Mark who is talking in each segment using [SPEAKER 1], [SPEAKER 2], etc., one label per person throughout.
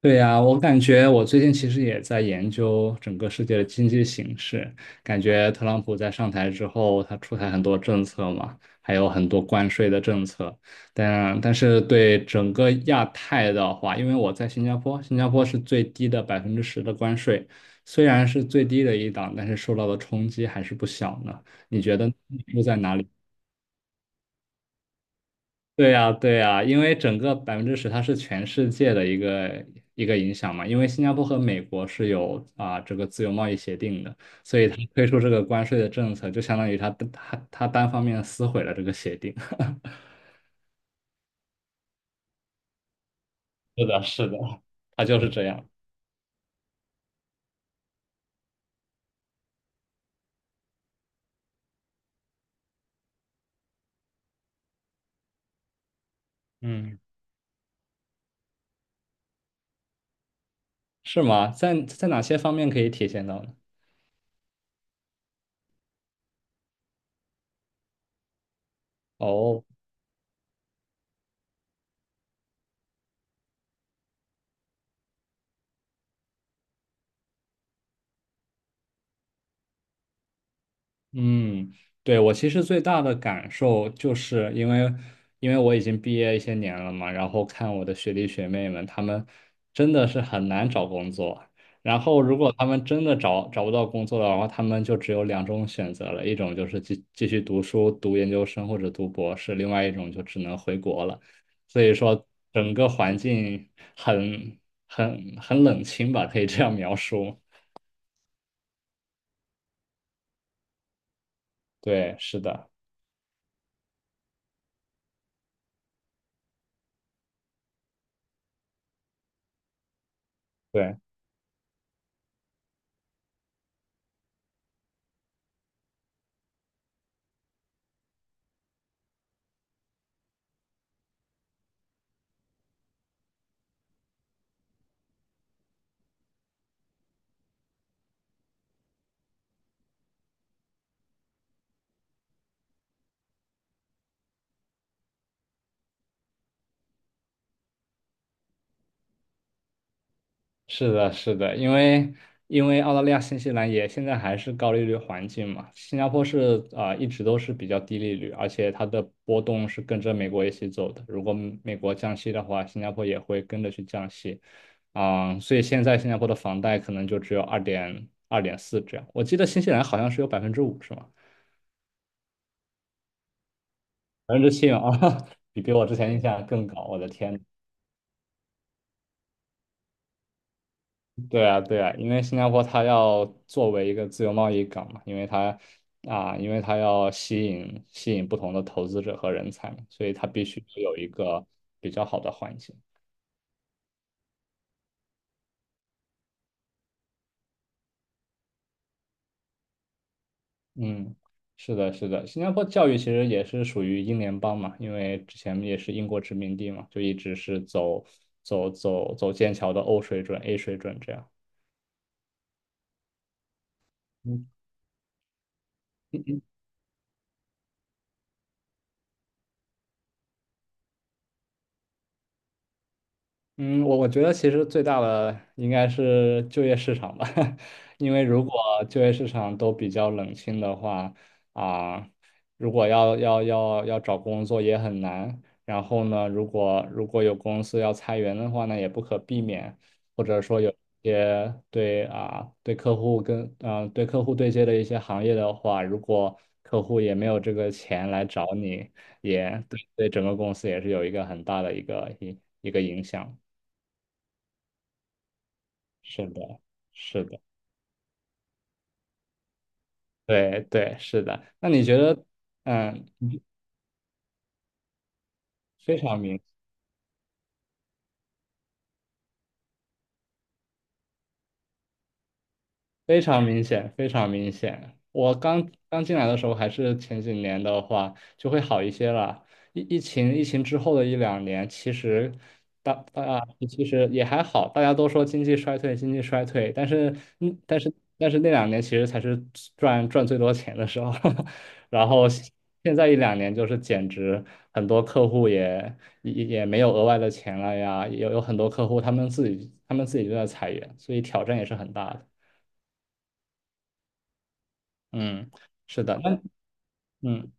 [SPEAKER 1] 对呀，我感觉我最近其实也在研究整个世界的经济形势，感觉特朗普在上台之后，他出台很多政策嘛，还有很多关税的政策，但是对整个亚太的话，因为我在新加坡，新加坡是最低的百分之十的关税，虽然是最低的一档，但是受到的冲击还是不小呢。你觉得你住在哪里？对呀，对呀，因为整个百分之十它是全世界的一个一个影响嘛，因为新加坡和美国是有啊、这个自由贸易协定的，所以它推出这个关税的政策，就相当于它单方面撕毁了这个协定。是的，是的，它就是这样。嗯，是吗？在哪些方面可以体现到呢？哦。嗯，对，我其实最大的感受就是因为我已经毕业一些年了嘛，然后看我的学弟学妹们，他们真的是很难找工作。然后，如果他们真的找不到工作的话，他们就只有两种选择了，一种就是继续读书，读研究生或者读博士，另外一种就只能回国了。所以说，整个环境很很冷清吧，可以这样描述。对，是的。对。是的，是的，因为澳大利亚、新西兰也现在还是高利率环境嘛，新加坡是啊、一直都是比较低利率，而且它的波动是跟着美国一起走的。如果美国降息的话，新加坡也会跟着去降息，啊、所以现在新加坡的房贷可能就只有二点二点四这样。我记得新西兰好像是有5%是吗？7%啊，比我之前印象更高，我的天！对啊，对啊，因为新加坡它要作为一个自由贸易港嘛，因为它啊，因为它要吸引不同的投资者和人才嘛，所以它必须有一个比较好的环境。嗯，是的，是的，新加坡教育其实也是属于英联邦嘛，因为之前也是英国殖民地嘛，就一直是走剑桥的 O 水准、A 水准这样。嗯嗯，我觉得其实最大的应该是就业市场吧，因为如果就业市场都比较冷清的话，啊、如果要找工作也很难。然后呢，如果有公司要裁员的话呢，也不可避免，或者说有一些对啊、对客户跟啊、对客户对接的一些行业的话，如果客户也没有这个钱来找你，也对整个公司也是有一个很大的一个影响。是的，是的，对对，是的。那你觉得，嗯，非常明。非常明显，非常明显。我刚刚进来的时候，还是前几年的话，就会好一些了。疫情之后的一两年，其实大家其实也还好，大家都说经济衰退，经济衰退，但是嗯，但是但是那两年其实才是赚最多钱的时候，然后现在一两年就是简直很多客户也没有额外的钱了呀，有很多客户他们自己就在裁员，所以挑战也是很大的。嗯，是的，那嗯，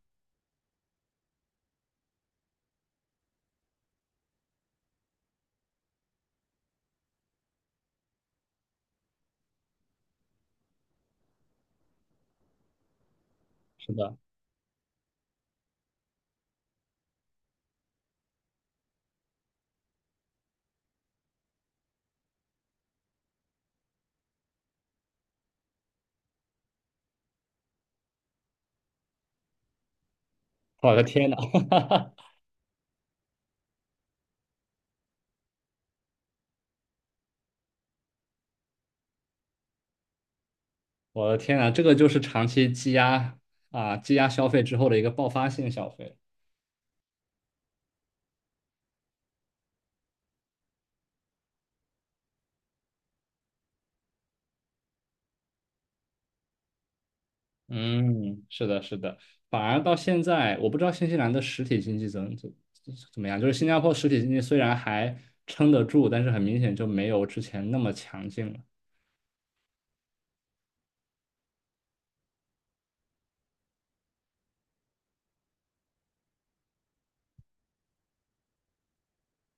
[SPEAKER 1] 是的，我的天呐，我的天呐，这个就是长期积压啊，积压消费之后的一个爆发性消费。嗯，是的，是的，反而到现在，我不知道新西兰的实体经济怎么样，就是新加坡实体经济虽然还撑得住，但是很明显就没有之前那么强劲了。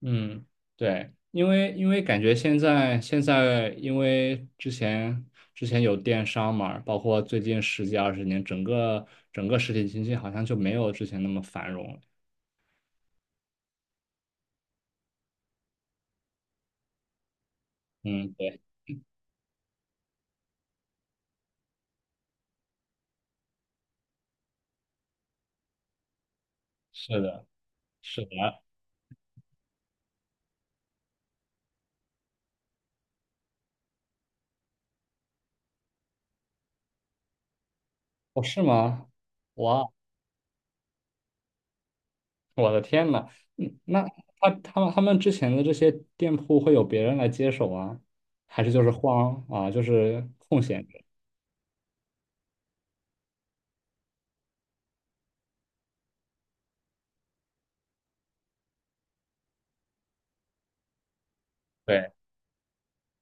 [SPEAKER 1] 嗯，对，因为感觉现在因为之前有电商嘛，包括最近十几二十年，整个实体经济好像就没有之前那么繁荣了。嗯，对，是的，是的。哦，是吗？哇，我的天呐，嗯，那他们之前的这些店铺会有别人来接手啊，还是就是荒啊，就是空闲着？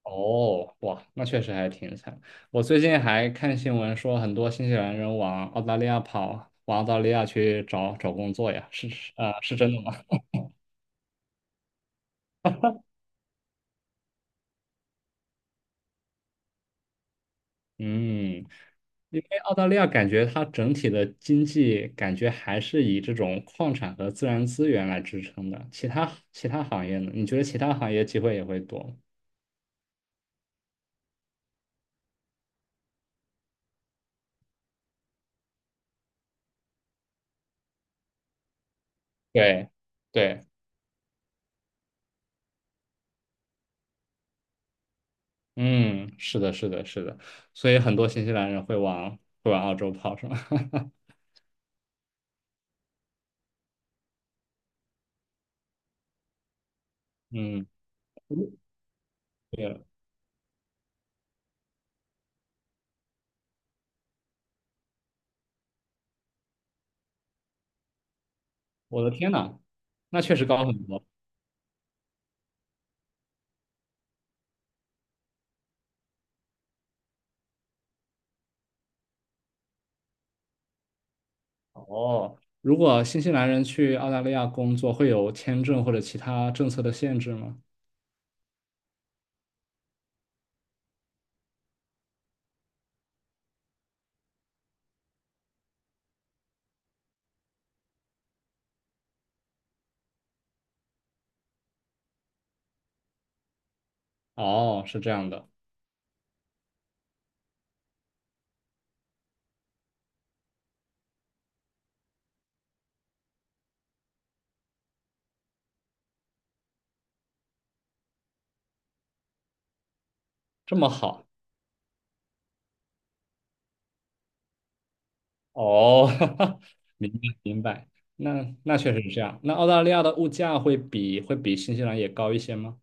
[SPEAKER 1] 哦，哇，那确实还挺惨。我最近还看新闻说，很多新西兰人往澳大利亚跑，往澳大利亚去找工作呀，是真的吗？嗯，因为澳大利亚感觉它整体的经济感觉还是以这种矿产和自然资源来支撑的，其他行业呢？你觉得其他行业机会也会多吗？对对，嗯，是的，是的，是的，所以很多新西兰人会往澳洲跑，是吗？嗯。对我的天呐，那确实高很多哦。如果新西兰人去澳大利亚工作，会有签证或者其他政策的限制吗？哦，是这样的，这么好哦，明白明白。那确实是这样。那澳大利亚的物价会比新西兰也高一些吗？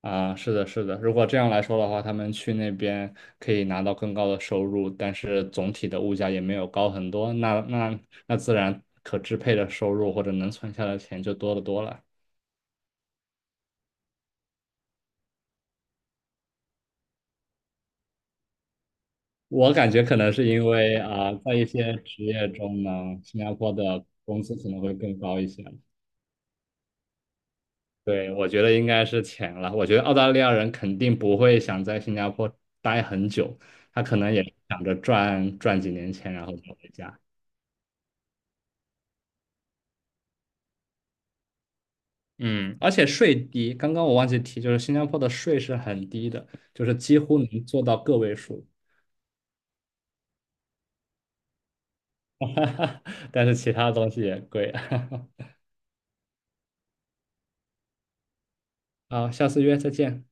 [SPEAKER 1] 啊，是的，是的。如果这样来说的话，他们去那边可以拿到更高的收入，但是总体的物价也没有高很多，那自然可支配的收入或者能存下的钱就多得多了。我感觉可能是因为啊，在一些职业中呢，新加坡的工资可能会更高一些。对，我觉得应该是钱了。我觉得澳大利亚人肯定不会想在新加坡待很久，他可能也想着赚几年钱，然后就回家。嗯，而且税低，刚刚我忘记提，就是新加坡的税是很低的，就是几乎能做到个位数，但是其他东西也贵。好，下次约，再见。